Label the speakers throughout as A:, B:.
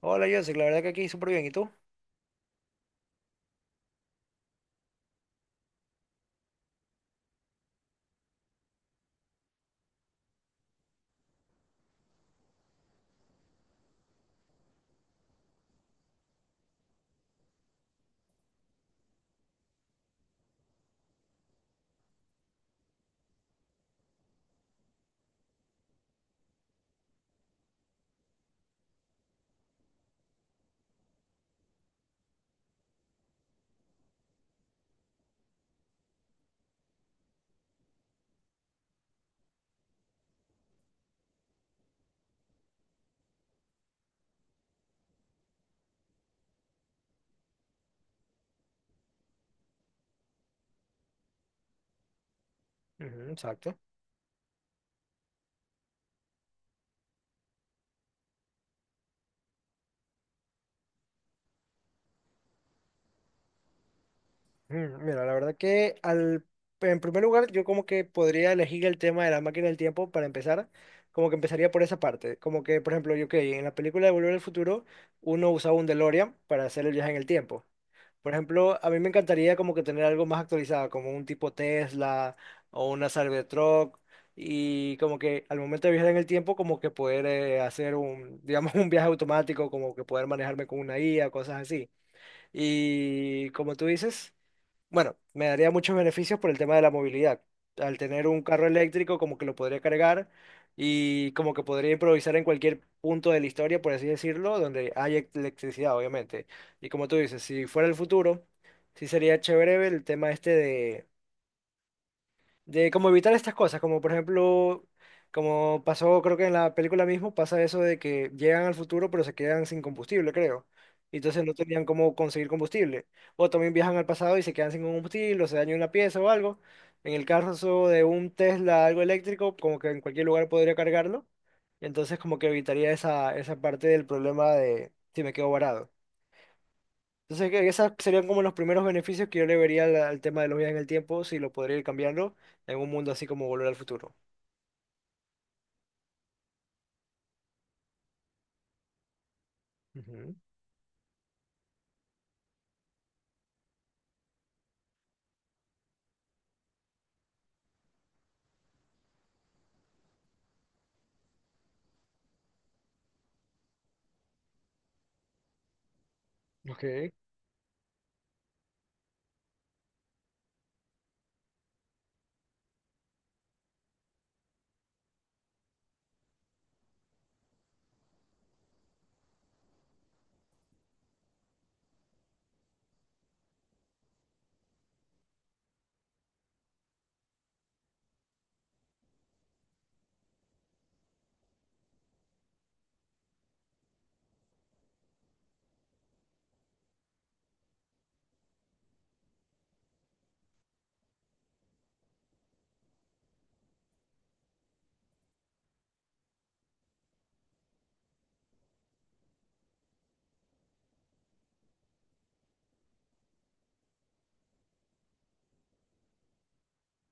A: Hola, Joseph, la verdad que aquí súper bien, ¿y tú? Ujú, exacto. Mira, la verdad en primer lugar yo como que podría elegir el tema de la máquina del tiempo para empezar, como que empezaría por esa parte, como que por ejemplo yo que en la película de Volver al Futuro uno usaba un DeLorean para hacer el viaje en el tiempo. Por ejemplo, a mí me encantaría como que tener algo más actualizado, como un tipo Tesla o una Cybertruck y como que al momento de viajar en el tiempo como que poder hacer un, digamos, un viaje automático, como que poder manejarme con una IA, cosas así. Y como tú dices, bueno, me daría muchos beneficios por el tema de la movilidad. Al tener un carro eléctrico, como que lo podría cargar y como que podría improvisar en cualquier punto de la historia, por así decirlo, donde hay electricidad, obviamente. Y como tú dices, si fuera el futuro, sí sería chévere el tema este de cómo evitar estas cosas, como por ejemplo, como pasó, creo que en la película mismo pasa eso de que llegan al futuro pero se quedan sin combustible, creo. Y entonces no tenían cómo conseguir combustible. O también viajan al pasado y se quedan sin combustible, o se daña una pieza o algo. En el caso de un Tesla, algo eléctrico, como que en cualquier lugar podría cargarlo. Entonces como que evitaría esa parte del problema de si me quedo varado. Entonces, que esos serían como los primeros beneficios que yo le vería al tema de los viajes en el tiempo, si lo podría ir cambiando en un mundo así como Volver al Futuro. Ujú. Ok.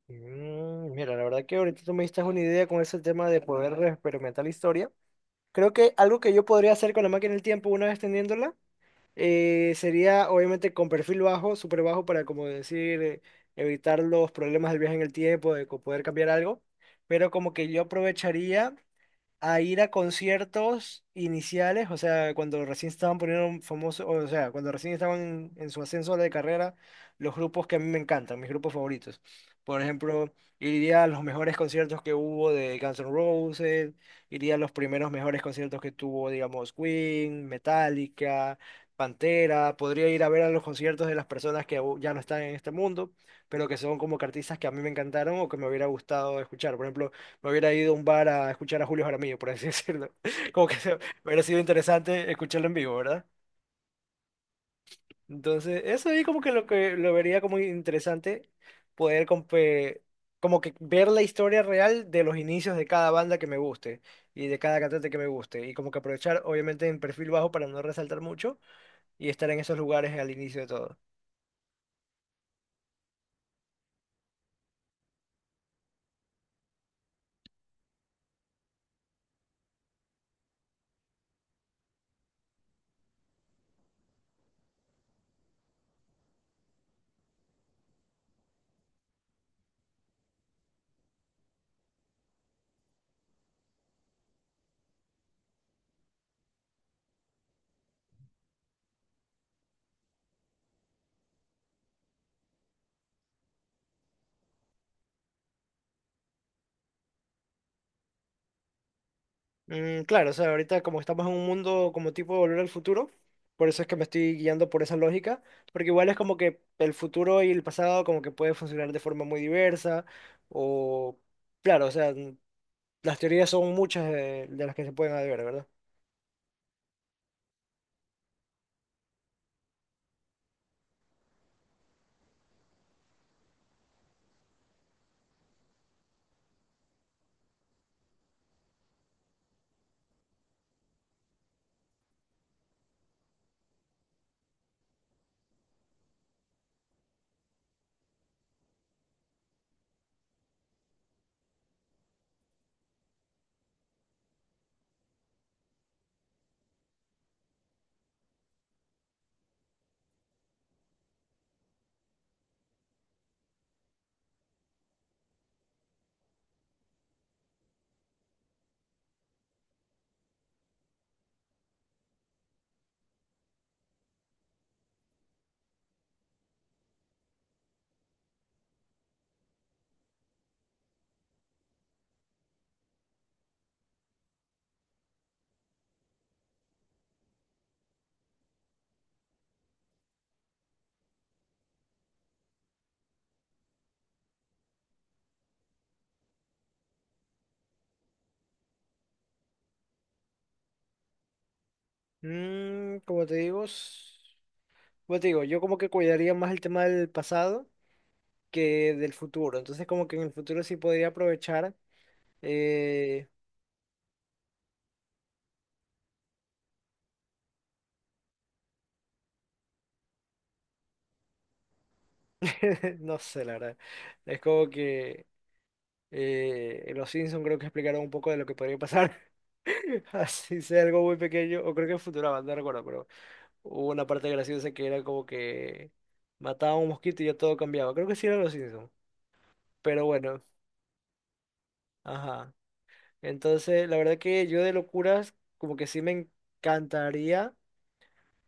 A: Mm, mira, la verdad que ahorita tú me diste una idea con ese tema de poder experimentar la historia. Creo que algo que yo podría hacer con la máquina del tiempo una vez teniéndola sería, obviamente, con perfil bajo, súper bajo, para, como decir, evitar los problemas del viaje en el tiempo, de poder cambiar algo. Pero como que yo aprovecharía a ir a conciertos iniciales, o sea, cuando recién estaban poniendo famosos, o sea, cuando recién estaban en su ascenso de carrera, los grupos que a mí me encantan, mis grupos favoritos. Por ejemplo, iría a los mejores conciertos que hubo de Guns N' Roses, iría a los primeros mejores conciertos que tuvo, digamos, Queen, Metallica, Pantera, podría ir a ver a los conciertos de las personas que aún ya no están en este mundo, pero que son como que artistas que a mí me encantaron o que me hubiera gustado escuchar. Por ejemplo, me hubiera ido a un bar a escuchar a Julio Jaramillo, por así decirlo. Como que se- Hubiera sido interesante escucharlo en vivo, ¿verdad? Entonces, eso ahí como que lo vería como interesante poder como que ver la historia real de los inicios de cada banda que me guste y de cada cantante que me guste y como que aprovechar obviamente en perfil bajo para no resaltar mucho y estar en esos lugares al inicio de todo. Mm, claro, o sea, ahorita como estamos en un mundo como tipo de Volver al Futuro, por eso es que me estoy guiando por esa lógica, porque igual es como que el futuro y el pasado como que puede funcionar de forma muy diversa, o claro, o sea, las teorías son muchas de las que se pueden haber, ¿verdad? Mm, como te digo, como te digo, yo como que cuidaría más el tema del pasado que del futuro, entonces como que en el futuro sí podría aprovechar, eh, no sé, la verdad, es como que... En los Simpsons creo que explicaron un poco de lo que podría pasar, así sea algo muy pequeño, o creo que en Futurama, no recuerdo, pero hubo una parte graciosa que era como que mataba a un mosquito y ya todo cambiaba. Creo que sí eran los Simpsons, pero bueno, ajá. Entonces, la verdad que yo de locuras, como que sí me encantaría.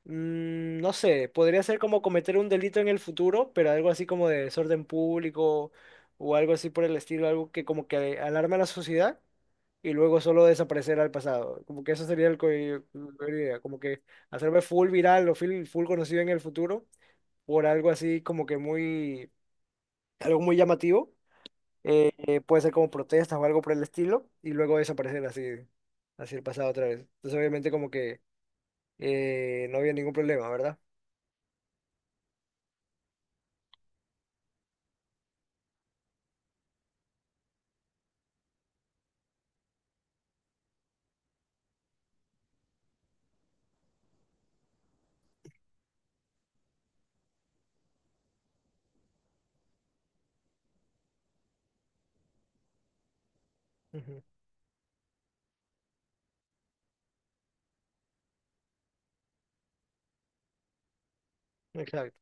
A: Mm, no sé, podría ser como cometer un delito en el futuro, pero algo así como de desorden público o algo así por el estilo, algo que como que alarma a la sociedad y luego solo desaparecer al pasado. Como que eso sería la idea, como que hacerme full viral o full conocido en el futuro por algo así como que muy, algo muy llamativo. Puede ser como protestas o algo por el estilo y luego desaparecer así, así el pasado otra vez. Entonces obviamente como que no había ningún problema, ¿verdad? Ujú. Exacto.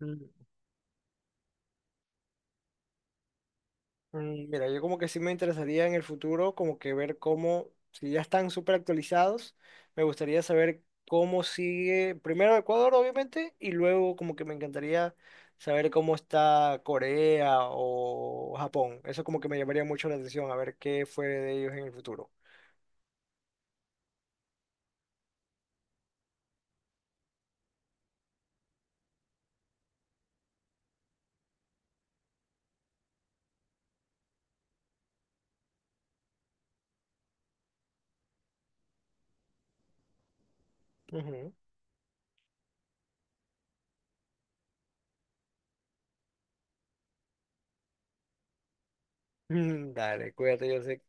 A: Mm, Mira, yo como que sí me interesaría en el futuro, como que ver cómo, si ya están súper actualizados, me gustaría saber cómo sigue, primero Ecuador, obviamente, y luego como que me encantaría saber cómo está Corea o Japón. Eso como que me llamaría mucho la atención, a ver qué fue de ellos en el futuro. Ujú. Mm, dale, cuídate, yo sé